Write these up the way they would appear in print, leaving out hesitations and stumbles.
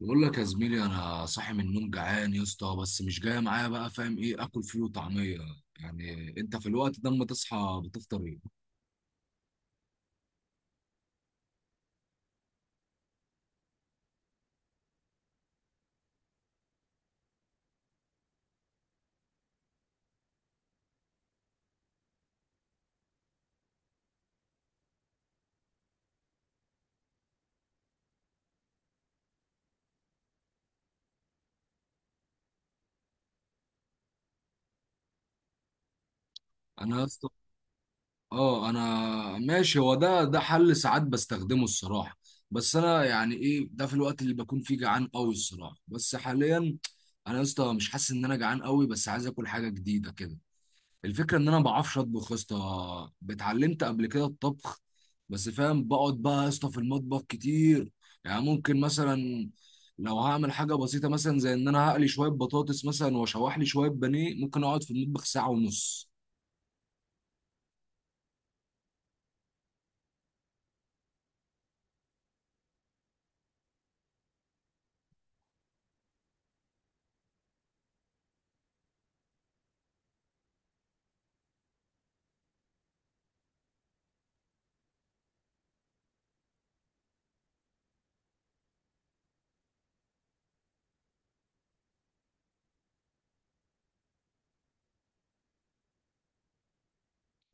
بقول لك يا زميلي، انا صاحي من النوم جعان يا اسطى، بس مش جاي معايا بقى. فاهم ايه اكل؟ فيه وطعميه. يعني انت في الوقت ده اما تصحى بتفطر ايه؟ انا يا اسطى اه انا ماشي، هو ده حل ساعات بستخدمه الصراحه. بس انا يعني ايه ده في الوقت اللي بكون فيه جعان قوي الصراحه، بس حاليا انا يا اسطى مش حاسس ان انا جعان قوي، بس عايز اكل حاجه جديده كده. الفكرة ان انا ما بعرفش اطبخ يا اسطى، اتعلمت قبل كده الطبخ، بس فاهم بقعد بقى يا اسطى في المطبخ كتير. يعني ممكن مثلا لو هعمل حاجة بسيطة مثلا زي ان انا هقلي شوية بطاطس مثلا واشوح لي شوية بانيه ممكن اقعد في المطبخ ساعة ونص.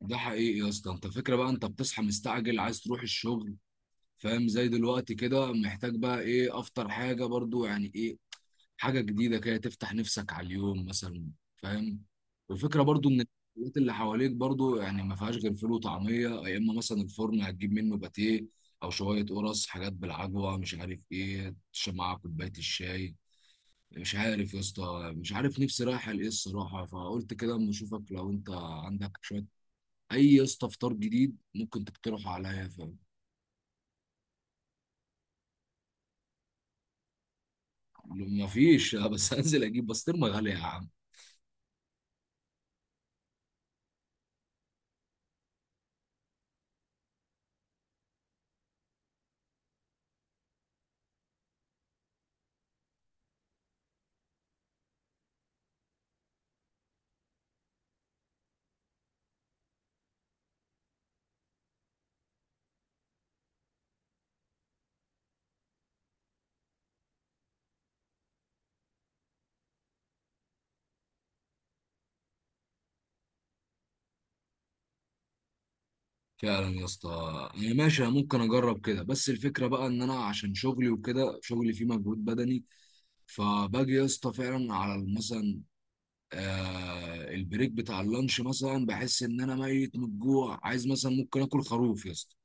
ده حقيقي يا اسطى، انت فكرة بقى انت بتصحى مستعجل عايز تروح الشغل، فاهم؟ زي دلوقتي كده محتاج بقى ايه، افطر حاجة برضو، يعني ايه حاجة جديدة كده تفتح نفسك على اليوم مثلا، فاهم؟ والفكرة برضو ان الحاجات اللي حواليك برضو يعني ما فيهاش غير فول وطعمية، يا اما مثلا الفرن هتجيب منه باتيه او شوية قرص حاجات بالعجوة، مش عارف ايه تشرب معاها كوباية الشاي. مش عارف يا اسطى، مش عارف نفسي رايحة لايه الصراحة، فقلت كده اما اشوفك لو انت عندك شوية اي يا اسطى فطار جديد ممكن تقترحه عليا، فاهم؟ ما فيش بس هنزل اجيب بسطرمة غالية يا عم. فعلا يا اسطى، انا ماشي أنا ممكن اجرب كده، بس الفكره بقى ان انا عشان شغلي وكده شغلي فيه مجهود بدني، فباجي يا اسطى فعلا على مثلا آه البريك بتاع اللانش مثلا بحس ان انا ميت من الجوع، عايز مثلا ممكن اكل خروف يا اسطى.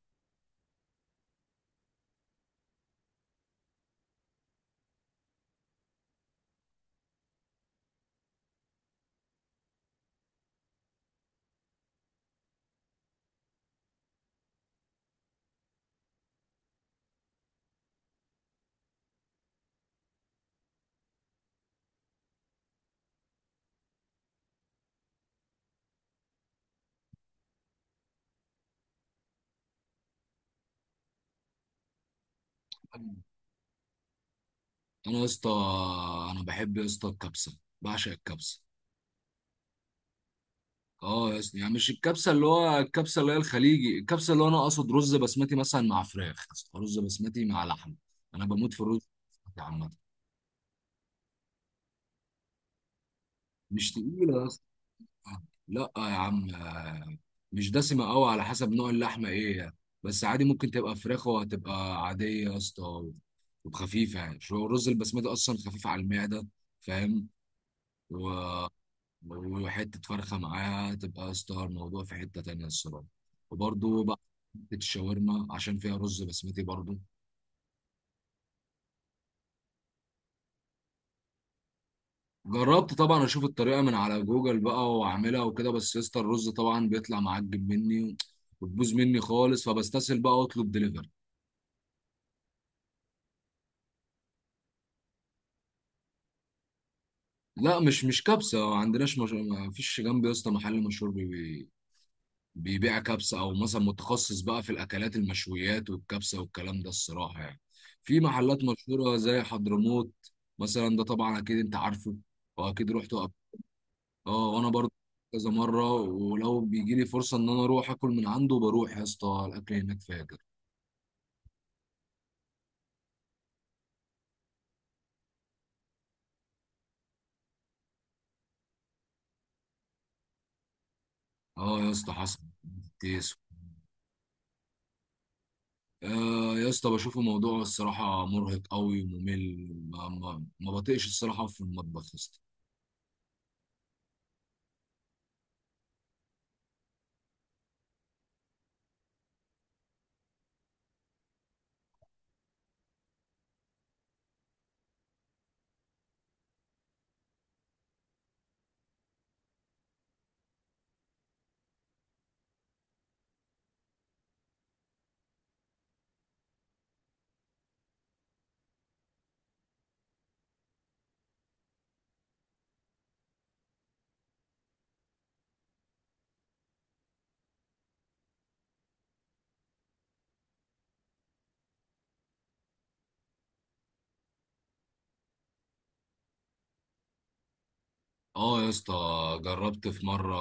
انا يا اسطى انا بحب يا اسطى الكبسه، بعشق الكبسه. اه يا اسطى، يعني مش الكبسه اللي هو الكبسه اللي هي الخليجي، الكبسه اللي هو انا اقصد رز بسمتي مثلا مع فراخ يا اسطى، رز بسمتي مع لحم. انا بموت في الرز بسمتي عامه. مش تقيلة يا اسطى. لا يا عم، مش دسمة قوي، على حسب نوع اللحمة ايه يعني. بس عادي ممكن تبقى فراخ وهتبقى عادية يا اسطى وخفيفة، يعني شو الرز البسمتي أصلا خفيف على المعدة، فاهم؟ و- وحتة فرخة معاها تبقى يا اسطى الموضوع في حتة تانية الصراحة. وبرضه بقى حتة الشاورما عشان فيها رز بسمتي برضه. جربت طبعا، اشوف الطريقه من على جوجل بقى واعملها وكده، بس يا اسطى الرز طبعا بيطلع معجب مني وتبوظ مني خالص، فبستسهل بقى واطلب دليفري. لا، مش كبسه ما عندناش مش، ما فيش جنبي يا اسطى محل مشهور بي بيبيع كبسه، او مثلا متخصص بقى في الاكلات المشويات والكبسه والكلام ده الصراحه يعني. في محلات مشهوره زي حضرموت مثلا، ده طبعا اكيد انت عارفه واكيد رحت. اه وانا برضه كذا مره، ولو بيجي لي فرصه ان انا اروح اكل من عنده بروح يا اسطى، الاكل هناك فاجر. اه يا اسطى حسن تيسو. آه يا اسطى، بشوف الموضوع الصراحه مرهق قوي وممل، ما بطيقش الصراحه في المطبخ يا اسطى. اه يا اسطى جربت في مرة،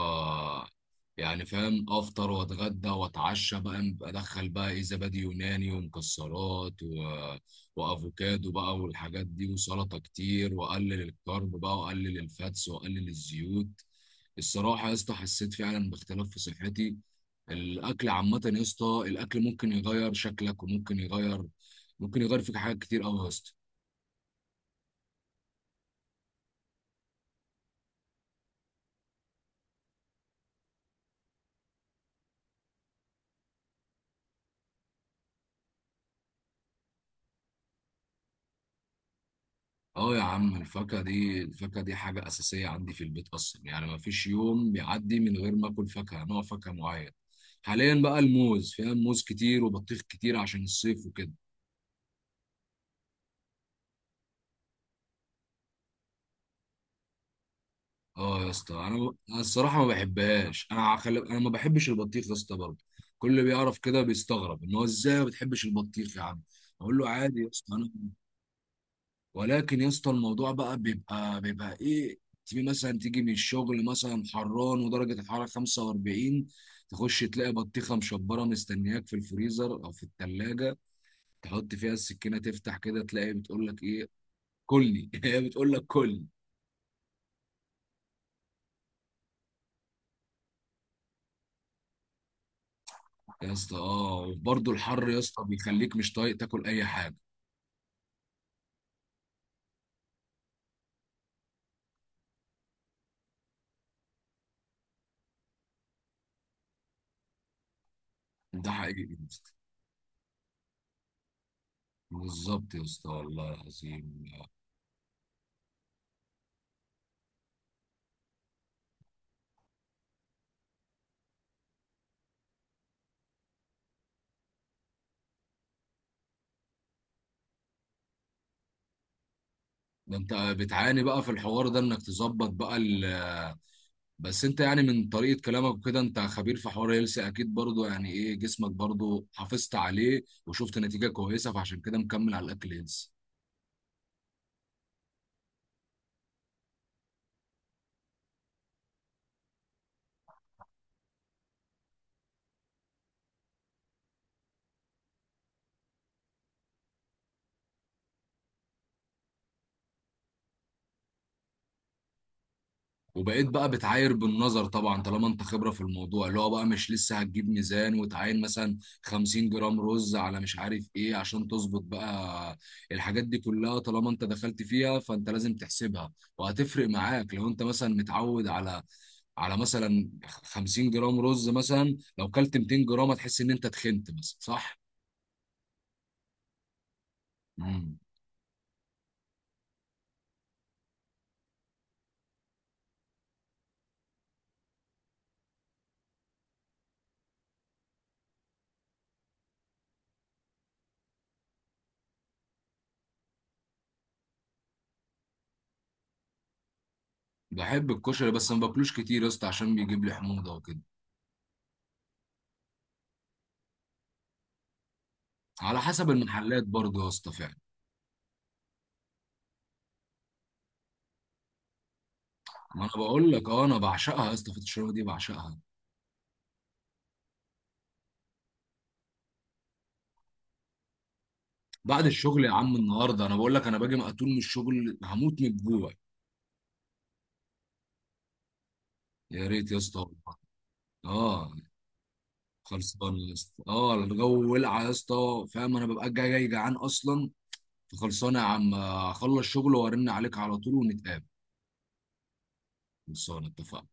يعني فاهم افطر واتغدى واتعشى بقى ادخل بقى ايه، زبادي يوناني ومكسرات و وافوكادو بقى والحاجات دي، وسلطة كتير، واقلل الكارب بقى، واقلل الفاتس، واقلل الزيوت. الصراحة يا اسطى حسيت فعلا باختلاف في صحتي. الاكل عامة يا اسطى الاكل ممكن يغير شكلك وممكن يغير، ممكن يغير فيك حاجات كتير قوي يا اسطى. اه يا عم الفاكهة دي، الفاكهة دي حاجة أساسية عندي في البيت أصلا، يعني ما فيش يوم بيعدي من غير ما آكل فاكهة نوع فاكهة معين. حاليا بقى الموز، فيها موز كتير وبطيخ كتير عشان الصيف وكده. اه يا اسطى أنا الصراحه ما بحبهاش، انا خلي انا ما بحبش البطيخ يا اسطى برضه. كل اللي بيعرف كده بيستغرب ان هو ازاي ما بتحبش البطيخ يا عم، اقول له عادي يا اسطى انا. ولكن يا اسطى الموضوع بقى بيبقى ايه، تيجي مثلا تيجي من الشغل مثلا حران، ودرجه الحراره 45، تخش تلاقي بطيخه مشبره مستنياك في الفريزر او في الثلاجه، تحط فيها السكينه تفتح كده تلاقي بتقول لك ايه، كلني. هي بتقول لك كلني يا اسطى. اه، وبرضه الحر يا اسطى بيخليك مش طايق تاكل اي حاجه. ده حقيقي يا اسطى، بالظبط يا اسطى والله العظيم. ده انت بتعاني بقى في الحوار ده انك تظبط بقى، بس انت يعني من طريقة كلامك وكده انت خبير في حوار هيلسي اكيد برضو، يعني ايه جسمك برضو حافظت عليه وشفت نتيجة كويسة، فعشان كده مكمل على الاكل هيلسي. وبقيت بقى بتعاير بالنظر طبعا، طالما انت خبره في الموضوع اللي هو بقى مش لسه هتجيب ميزان وتعاين مثلا 50 جرام رز على مش عارف ايه عشان تظبط بقى. الحاجات دي كلها طالما انت دخلت فيها فانت لازم تحسبها، وهتفرق معاك لو انت مثلا متعود على مثلا 50 جرام رز مثلا، لو كلت 200 جرام هتحس ان انت تخنت مثلا، صح؟ مم. بحب الكشري بس ما باكلوش كتير يا اسطى عشان بيجيب لي حموضه وكده. على حسب المحلات برضه يا اسطى فعلا. ما انا بقول لك اه، انا بعشقها يا اسطى الشوربه دي بعشقها. بعد الشغل يا عم النهارده، انا بقول لك انا باجي مقتول من الشغل هموت من الجوع. يا ريت يا اسطى والله. اه، خلصانه يا اسطى اه، الجو ولع يا اسطى، فاهم انا ببقى جاي جعان اصلا. فخلصانه يا عم اخلص شغل وارن عليك على طول ونتقابل. خلصانه، اتفقنا.